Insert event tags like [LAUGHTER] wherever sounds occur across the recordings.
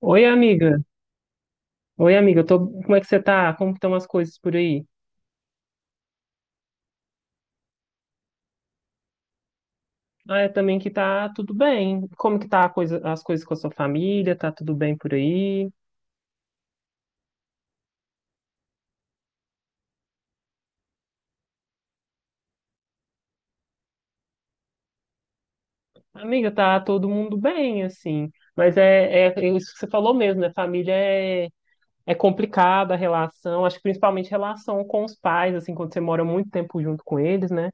Oi, amiga. Oi, amiga. Eu tô... Como é que você tá? Como que estão as coisas por aí? Ah, é também que tá tudo bem. Como que tá a coisa... as coisas com a sua família? Tá tudo bem por aí? Amiga, tá todo mundo bem, assim. Mas é, é isso que você falou mesmo, né? Família é, é complicada a relação. Acho que principalmente relação com os pais, assim, quando você mora muito tempo junto com eles, né?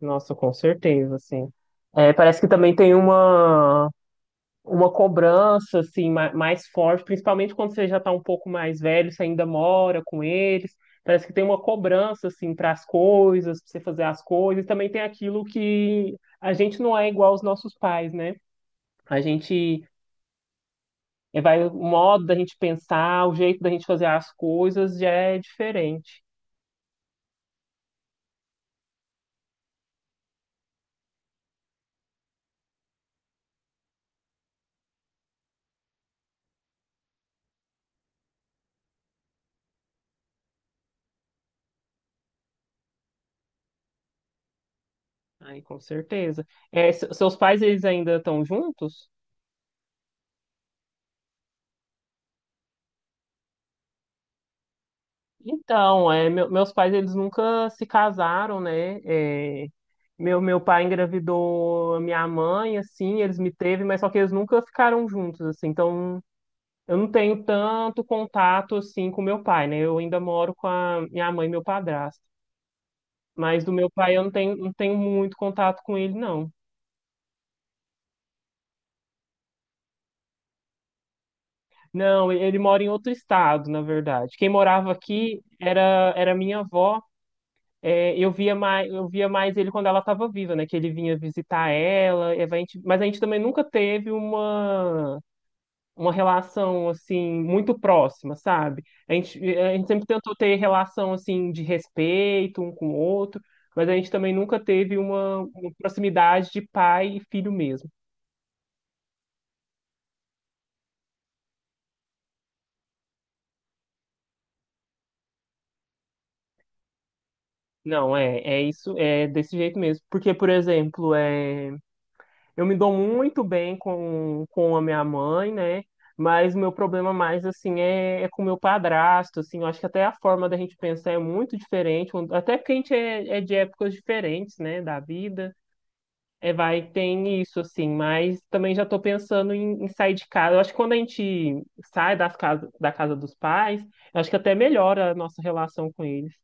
Nossa, com certeza, assim. É, parece que também tem uma cobrança assim mais forte, principalmente quando você já está um pouco mais velho, você ainda mora com eles. Parece que tem uma cobrança assim para as coisas, para você fazer as coisas. Também tem aquilo que a gente não é igual aos nossos pais, né? A gente vai o modo da gente pensar, o jeito da gente fazer as coisas já é diferente. Aí, com certeza. Seus pais eles ainda estão juntos? Então, é, meus pais eles nunca se casaram, né? É, meu pai engravidou a minha mãe, assim, eles me teve, mas só que eles nunca ficaram juntos, assim. Então, eu não tenho tanto contato assim com meu pai, né? Eu ainda moro com a minha mãe e meu padrasto. Mas do meu pai eu não tenho muito contato com ele, não. Não, ele mora em outro estado, na verdade. Quem morava aqui era minha avó. É, eu via mais ele quando ela estava viva, né? Que ele vinha visitar ela, e a mas a gente também nunca teve uma relação assim muito próxima, sabe? A gente sempre tentou ter relação assim de respeito um com o outro, mas a gente também nunca teve uma proximidade de pai e filho mesmo. Não, é, é isso, é desse jeito mesmo. Porque, por exemplo, é. Eu me dou muito bem com a minha mãe, né? Mas o meu problema mais, assim, é, é com o meu padrasto, assim. Eu acho que até a forma da gente pensar é muito diferente. Até porque a gente é, é de épocas diferentes, né? Da vida. É, vai, tem isso, assim. Mas também já estou pensando em, em sair de casa. Eu acho que quando a gente sai das casa, da casa dos pais, eu acho que até melhora a nossa relação com eles.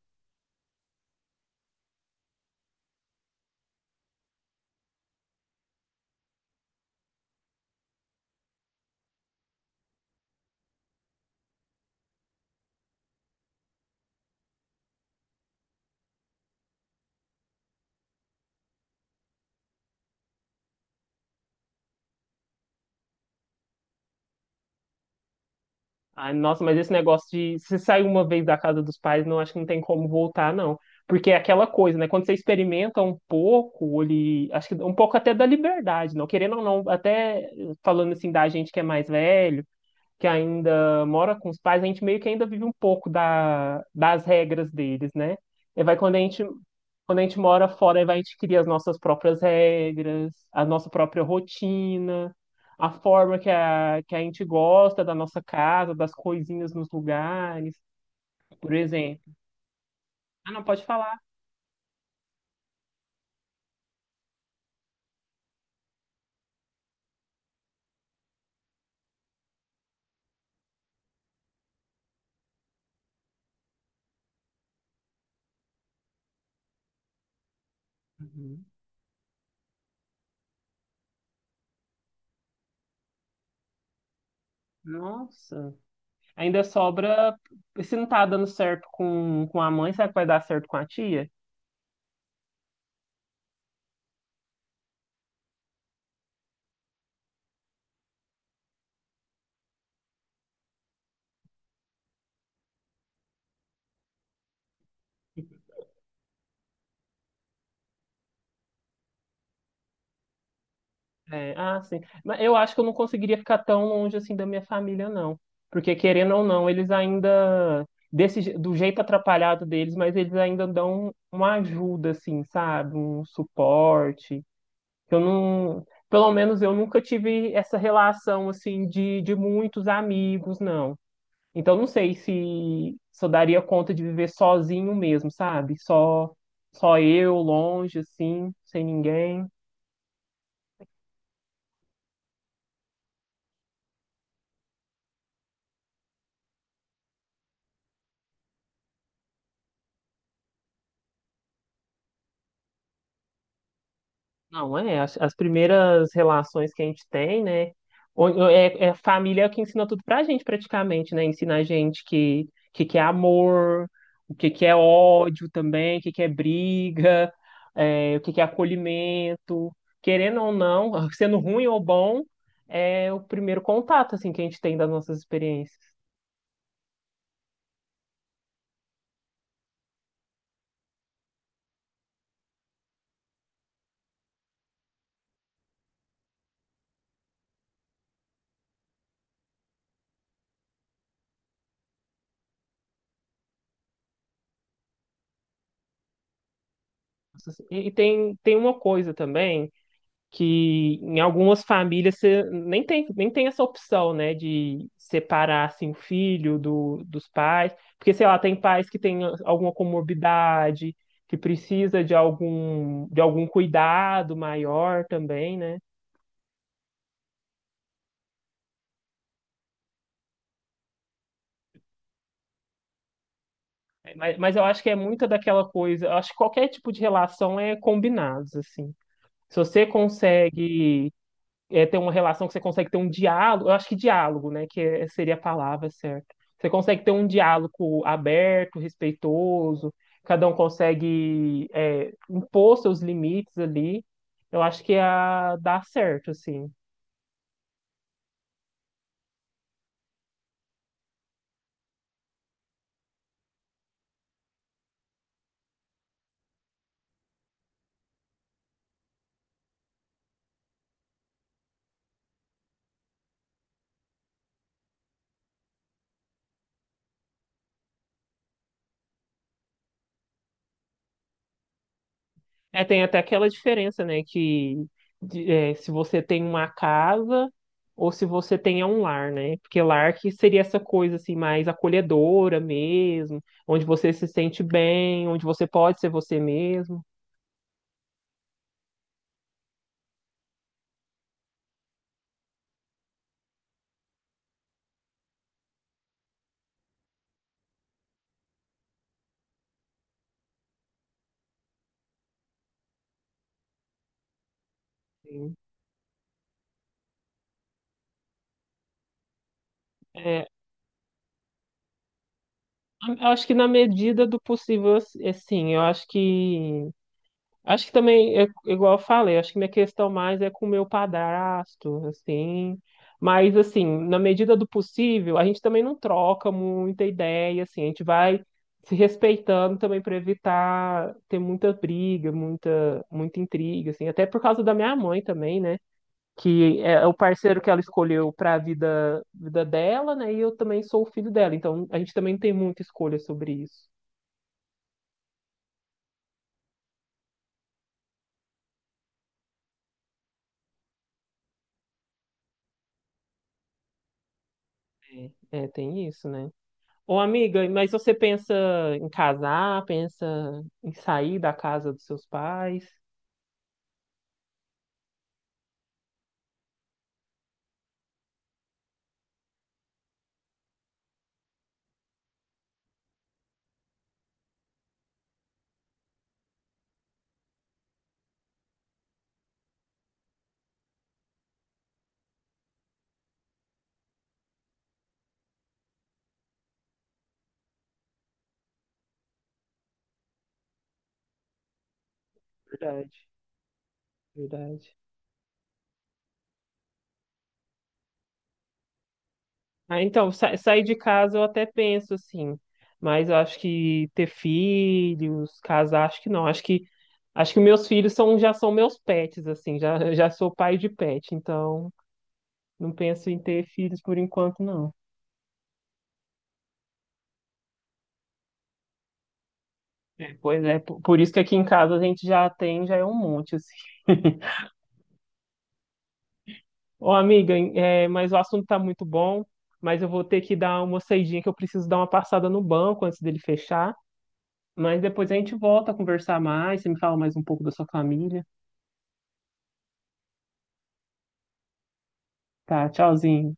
Ai, nossa, mas esse negócio de se sair uma vez da casa dos pais, não acho que não tem como voltar, não. Porque é aquela coisa, né? Quando você experimenta um pouco, ele, acho que um pouco até da liberdade, não querendo ou não, até falando assim da gente que é mais velho que ainda mora com os pais, a gente meio que ainda vive um pouco da, das regras deles, né? E vai quando a quando a gente mora fora, aí vai a gente cria as nossas próprias regras, a nossa própria rotina, a forma que que a gente gosta da nossa casa, das coisinhas nos lugares, por exemplo. Ah, não, pode falar. Uhum. Nossa. Ainda sobra, se não tá dando certo com a mãe, será que vai dar certo com a tia? É, ah, sim. Mas eu acho que eu não conseguiria ficar tão longe assim da minha família, não. Porque, querendo ou não, eles ainda, do jeito atrapalhado deles, mas eles ainda dão uma ajuda, assim, sabe? Um suporte. Eu não, pelo menos eu nunca tive essa relação, assim, de muitos amigos, não. Então, não sei se, se eu daria conta de viver sozinho mesmo, sabe? Só, só eu, longe, assim, sem ninguém. Não, é. As primeiras relações que a gente tem, né? Ou É, é a família que ensina tudo pra gente, praticamente, né? Ensina a gente que é amor, que é ódio também, que é briga, é, que é acolhimento. Querendo ou não, [LAUGHS] sendo ruim ou bom, é o primeiro contato, assim, que a gente tem das nossas experiências. E tem, tem uma coisa também, que em algumas famílias você nem tem essa opção, né, de separar assim, o filho do, dos pais, porque sei lá, tem pais que têm alguma comorbidade, que precisa de algum cuidado maior também, né? Mas eu acho que é muita daquela coisa, eu acho que qualquer tipo de relação é combinados assim. Se você consegue é, ter uma relação que você consegue ter um diálogo, eu acho que diálogo, né, que seria a palavra certa. Você consegue ter um diálogo aberto, respeitoso, cada um consegue é, impor seus limites ali. Eu acho que é a dá certo, assim. É, tem até aquela diferença, né, que é, se você tem uma casa ou se você tem um lar, né? Porque lar que seria essa coisa assim mais acolhedora mesmo, onde você se sente bem, onde você pode ser você mesmo. Sim. É, eu acho que na medida do possível, assim, eu acho que também é igual eu falei, acho que minha questão mais é com o meu padrasto, assim, mas assim, na medida do possível, a gente também não troca muita ideia, assim, a gente vai se respeitando também para evitar ter muita briga, muita intriga, assim, até por causa da minha mãe também, né? Que é o parceiro que ela escolheu para vida dela, né? E eu também sou o filho dela, então a gente também não tem muita escolha sobre isso. É. É, tem isso, né? Ô, amiga, mas você pensa em casar, pensa em sair da casa dos seus pais? Verdade, verdade. Ah, então, sair de casa eu até penso assim, mas eu acho que ter filhos, casar, acho que não. Acho que meus filhos são já são meus pets assim, já [LAUGHS] já sou pai de pet, então não penso em ter filhos por enquanto, não. É, pois é, por isso que aqui em casa a gente já tem, já é um monte, assim. [LAUGHS] Ô, amiga, é, mas o assunto tá muito bom, mas eu vou ter que dar uma saidinha que eu preciso dar uma passada no banco antes dele fechar. Mas depois a gente volta a conversar mais, você me fala mais um pouco da sua família. Tá, tchauzinho.